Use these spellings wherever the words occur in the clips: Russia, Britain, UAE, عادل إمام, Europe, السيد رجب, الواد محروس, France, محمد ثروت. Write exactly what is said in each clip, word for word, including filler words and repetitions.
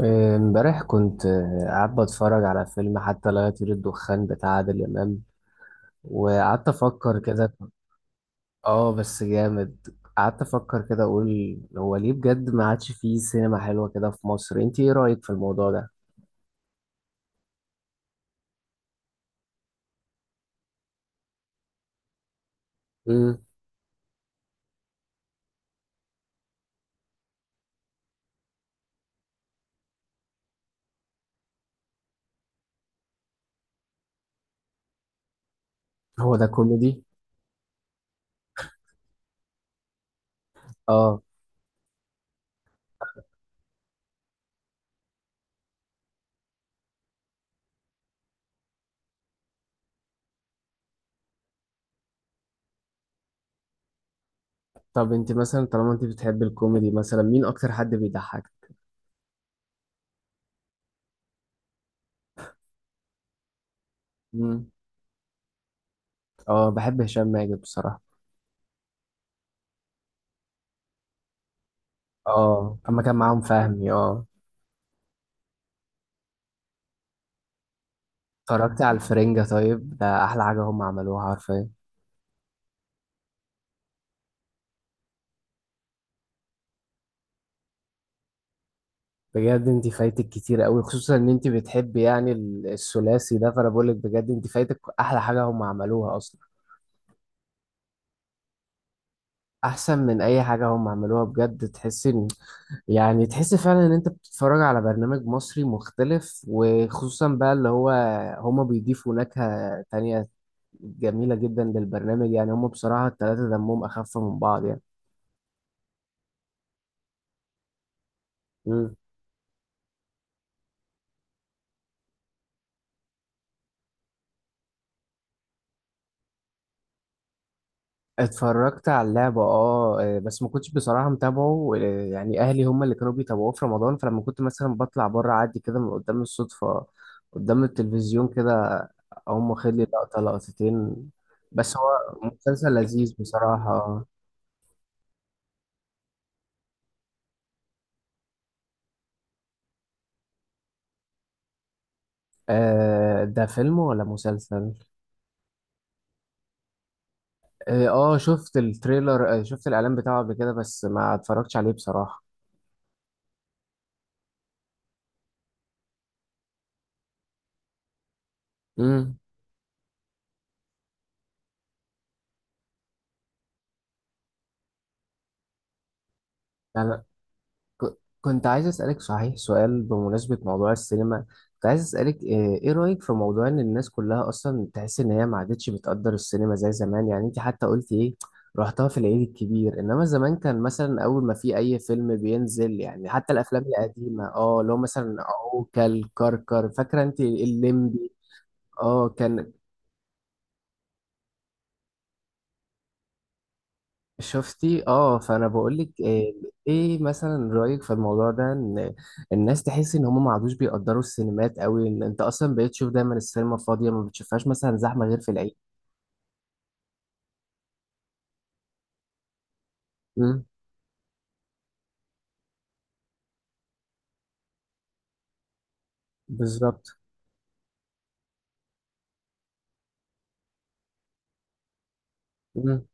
امبارح كنت آه، قاعد بتفرج على فيلم حتى لا يطير الدخان بتاع عادل إمام، وقعدت أفكر كده. اه، بس جامد. قعدت أفكر كده أقول هو ليه بجد ما عادش فيه سينما حلوة كده في مصر، انت ايه رأيك في الموضوع ده؟ مم. هو ده كوميدي؟ اه. طب انت مثلا طالما انت بتحبي الكوميدي، مثلا مين أكتر حد بيضحك؟ مم. اه، بحب هشام ماجد بصراحة. اه، أما كان معاهم فهمي، اه. اتفرجت على الفرنجة؟ طيب ده أحلى حاجة هم عملوها حرفيا. بجد انت فايتك كتير قوي، خصوصا ان انت بتحبي يعني ال- الثلاثي ده، فانا بقول لك بجد انت فايتك احلى حاجه هم عملوها اصلا. احسن من اي حاجه هم عملوها، بجد تحس ان يعني تحس فعلا ان انت بتتفرج على برنامج مصري مختلف، وخصوصا بقى اللي هو هم بيضيفوا نكهه تانية جميله جدا للبرنامج. يعني هم بصراحه الثلاثه دمهم اخف من بعض. يعني اتفرجت على اللعبة، اه، آه، بس ما كنتش بصراحة متابعه، آه، يعني اهلي هم اللي كانوا بيتابعوه في رمضان، فلما كنت مثلا بطلع بره عادي كده من قدام الصدفة، قدام التلفزيون كده، هم واخد لي لقطة لقطتين. بس هو مسلسل لذيذ بصراحة آه آه، ده فيلم ولا مسلسل؟ اه، آه، شفت التريلر، آه، شفت الاعلان بتاعه قبل كده، بس ما اتفرجتش عليه بصراحة. امم. ك- كنت عايز أسألك صحيح سؤال بمناسبة موضوع السينما. كنت عايز أسألك إيه، إيه رأيك في موضوع إن الناس كلها أصلا تحس إن هي ما عادتش بتقدر السينما زي زمان، يعني أنت حتى قلت إيه، رحتها في العيد الكبير، إنما زمان كان مثلا أول ما في أي فيلم بينزل، يعني حتى الأفلام القديمة أه اللي هو مثلا عوكل كركر، فاكرة أنت الليمبي؟ أه، كان. شفتي؟ اه، فانا بقول لك ايه، إيه مثلا رايك في الموضوع ده، ان الناس تحس ان هم ما عادوش بيقدروا السينمات قوي، ان انت اصلا بقيت تشوف دايما السينما فاضيه، ما بتشوفهاش مثلا زحمه غير في العيد. امم. بالظبط. امم.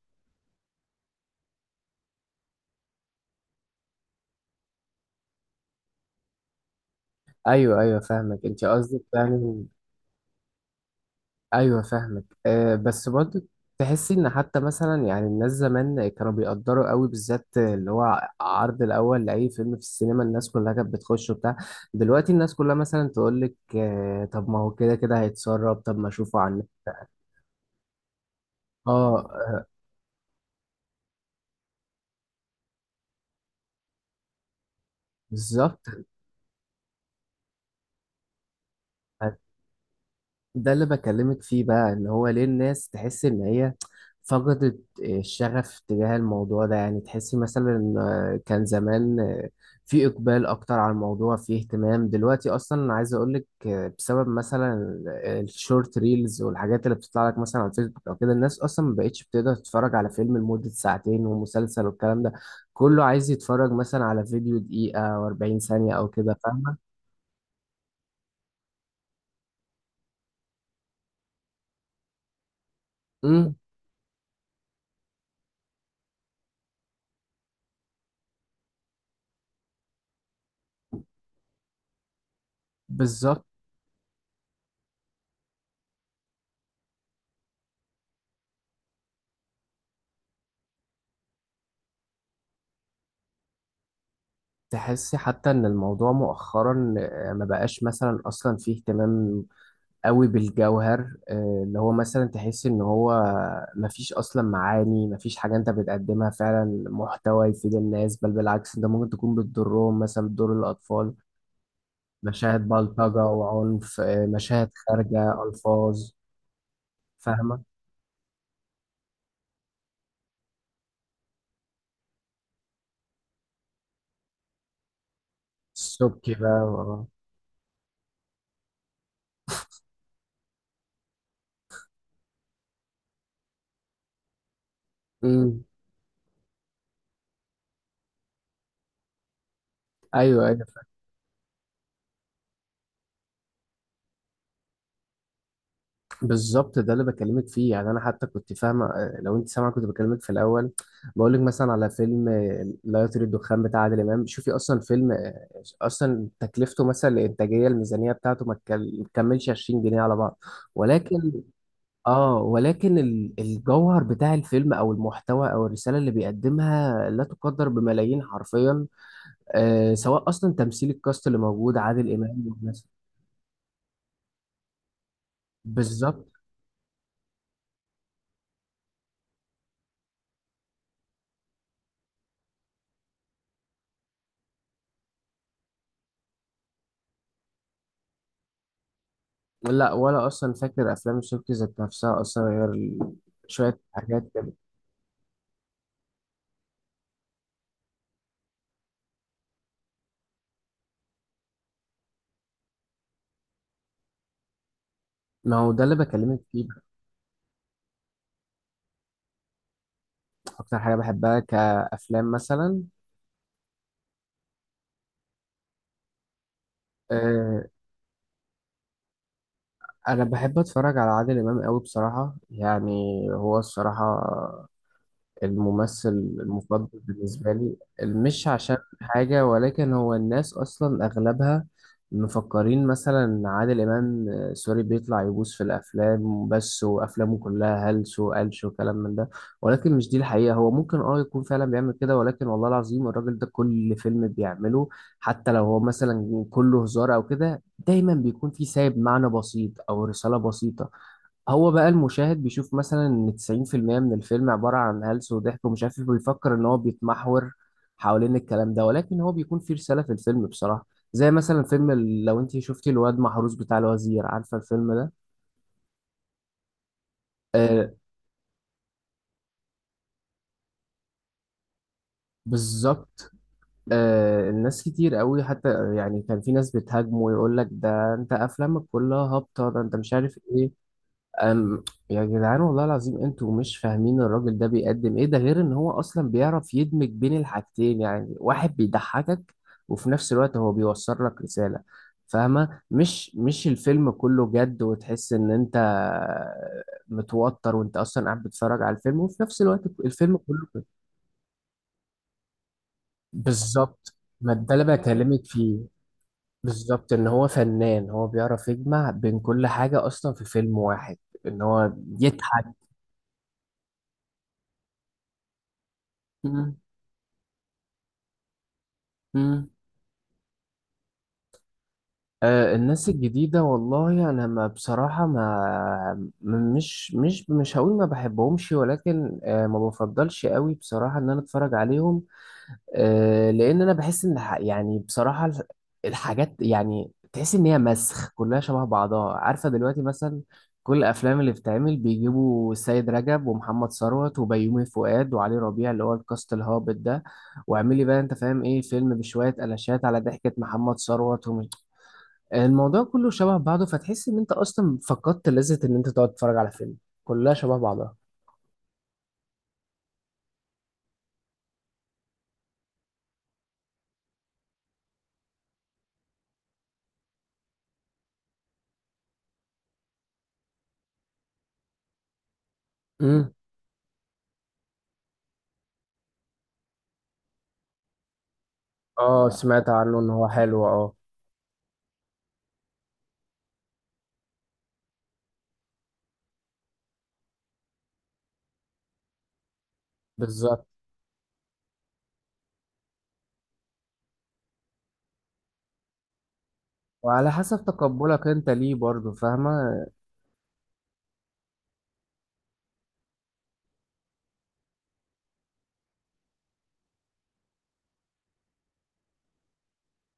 ايوه ايوه، فاهمك انت قصدك يعني. ايوه، فاهمك. أه، بس برضه تحسي ان حتى مثلا يعني الناس زمان كانوا بيقدروا قوي، بالذات اللي هو عرض الاول لاي فيلم في السينما، الناس كلها كانت بتخش وبتاع. دلوقتي الناس كلها مثلا تقول لك أه، طب ما هو كده كده هيتسرب، طب ما اشوفه عن. اه. آه، بالظبط، ده اللي بكلمك فيه بقى، ان هو ليه الناس تحس ان هي فقدت الشغف تجاه الموضوع ده، يعني تحس مثلا، آه، كان زمان، آه، في اقبال اكتر على الموضوع، في اهتمام. دلوقتي اصلا انا عايز اقولك، آه، بسبب مثلا الشورت ريلز والحاجات اللي بتطلع لك مثلا على الفيسبوك او كده، الناس اصلا ما بقتش بتقدر تتفرج على فيلم لمدة ساعتين ومسلسل، والكلام ده كله عايز يتفرج مثلا على فيديو دقيقة و40 ثانية او كده، فاهمة؟ امم. بالظبط. تحسي حتى ان الموضوع مؤخرا، آه، ما بقاش مثلا اصلا فيه اهتمام قوي بالجوهر، آه، اللي هو مثلا تحسي ان هو ما فيش اصلا معاني، ما فيش حاجة انت بتقدمها فعلا محتوى يفيد الناس، بل بالعكس انت ممكن تكون بتضرهم، مثلا بتضر الاطفال، مشاهد بلطجة وعنف، آه، مشاهد خارجة، الفاظ. فاهمة. السبكي بقى آه. أمم. ايوه، بالظبط، ده اللي بكلمك فيه. يعني انا حتى كنت فاهمه، آه، لو انت سامعه، كنت بكلمك في الاول بقول لك مثلا على فيلم، آه، لا يطير الدخان بتاع عادل امام. شوفي اصلا فيلم، آه، اصلا تكلفته مثلا الانتاجيه، الميزانيه بتاعته ما تكل- ما تكملش عشرين جنيه على بعض. ولكن اه ولكن ال- الجوهر بتاع الفيلم او المحتوى او الرساله اللي بيقدمها لا تقدر بملايين حرفيا، آه، سواء اصلا تمثيل الكاست اللي موجود عادل امام والناس- بالظبط. لا، ولا اصلا فاكر افلام شوكي ذات نفسها اصلا، غير ال- شويه حاجات كده. ما هو ده اللي بكلمك فيه. اكتر حاجه بحبها كافلام مثلا؟ أه. انا بحب اتفرج على عادل امام قوي بصراحه، يعني هو الصراحه الممثل المفضل بالنسبة لي. مش عشان حاجة، ولكن هو الناس أصلا أغلبها مفكرين مثلا عادل إمام، آه، سوري، بيطلع يبوس في الأفلام بس، وأفلامه كلها هلس وقلش وكلام من ده. ولكن مش دي الحقيقة. هو ممكن اه يكون فعلا بيعمل كده، ولكن والله العظيم الراجل ده كل فيلم بيعمله، حتى لو هو مثلا كله هزار أو كده، دايما بيكون فيه سايب معنى بسيط أو رسالة بسيطة. هو بقى المشاهد بيشوف مثلا ان تسعين في المية من الفيلم عبارة عن هلس وضحك ومش عارف ايه، بيفكر ان هو بيتمحور حوالين الكلام ده، ولكن هو بيكون فيه رسالة في الفيلم بصراحة. زي مثلا فيلم ال- لو انت شفتي الواد محروس بتاع الوزير، عارفة الفيلم ده؟ آه. بالظبط. آه الناس كتير قوي حتى، يعني كان في ناس بتهاجمه ويقول لك ده انت افلامك كلها هابطة، ده انت مش عارف ايه. أم. يا جدعان والله العظيم انتوا مش فاهمين الراجل ده بيقدم ايه، ده غير ان هو اصلا بيعرف يدمج بين الحاجتين، يعني واحد بيضحكك وفي نفس الوقت هو بيوصل لك رسالة، فاهمة؟ مش مش الفيلم كله جد، وتحس ان انت متوتر وانت اصلا قاعد بتتفرج على الفيلم، وفي نفس الوقت الفيلم كله كده. بالظبط. ما ده اللي بكلمك فيه. بالظبط، ان هو فنان، هو بيعرف يجمع بين كل حاجة اصلا في فيلم واحد، ان هو يضحك. آه، الناس الجديدة، والله أنا ما بصراحة ما م- مش مش مش هقول ما بحبهمش، ولكن، آه، ما بفضلش قوي بصراحة إن أنا أتفرج عليهم، آه، لأن أنا بحس إن ح- يعني بصراحة الح- الحاجات، يعني تحس إن هي مسخ كلها شبه بعضها، عارفة دلوقتي مثلا كل الأفلام اللي بتتعمل بيجيبوا السيد رجب ومحمد ثروت وبيومي فؤاد وعلي ربيع، اللي هو الكاست الهابط ده، واعملي بقى أنت فاهم إيه، فيلم بشوية قلاشات على ضحكة محمد ثروت. الموضوع كله شبه بعضه، فتحس ان انت اصلا فقدت لذة ان انت تقعد تتفرج على فيلم، كلها شبه بعضها. امم. اه، سمعت عنه ان هو حلو، اه. بالظبط. وعلى حسب تقبلك انت ليه برضه، فاهمة.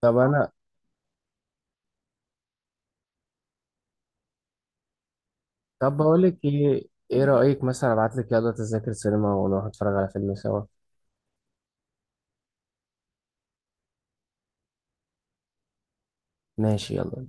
طب انا، طب بقول لك ايه، ايه رأيك مثلا ابعت لك يلا تذاكر سينما ونروح نتفرج على فيلم سوا؟ ماشي يلا.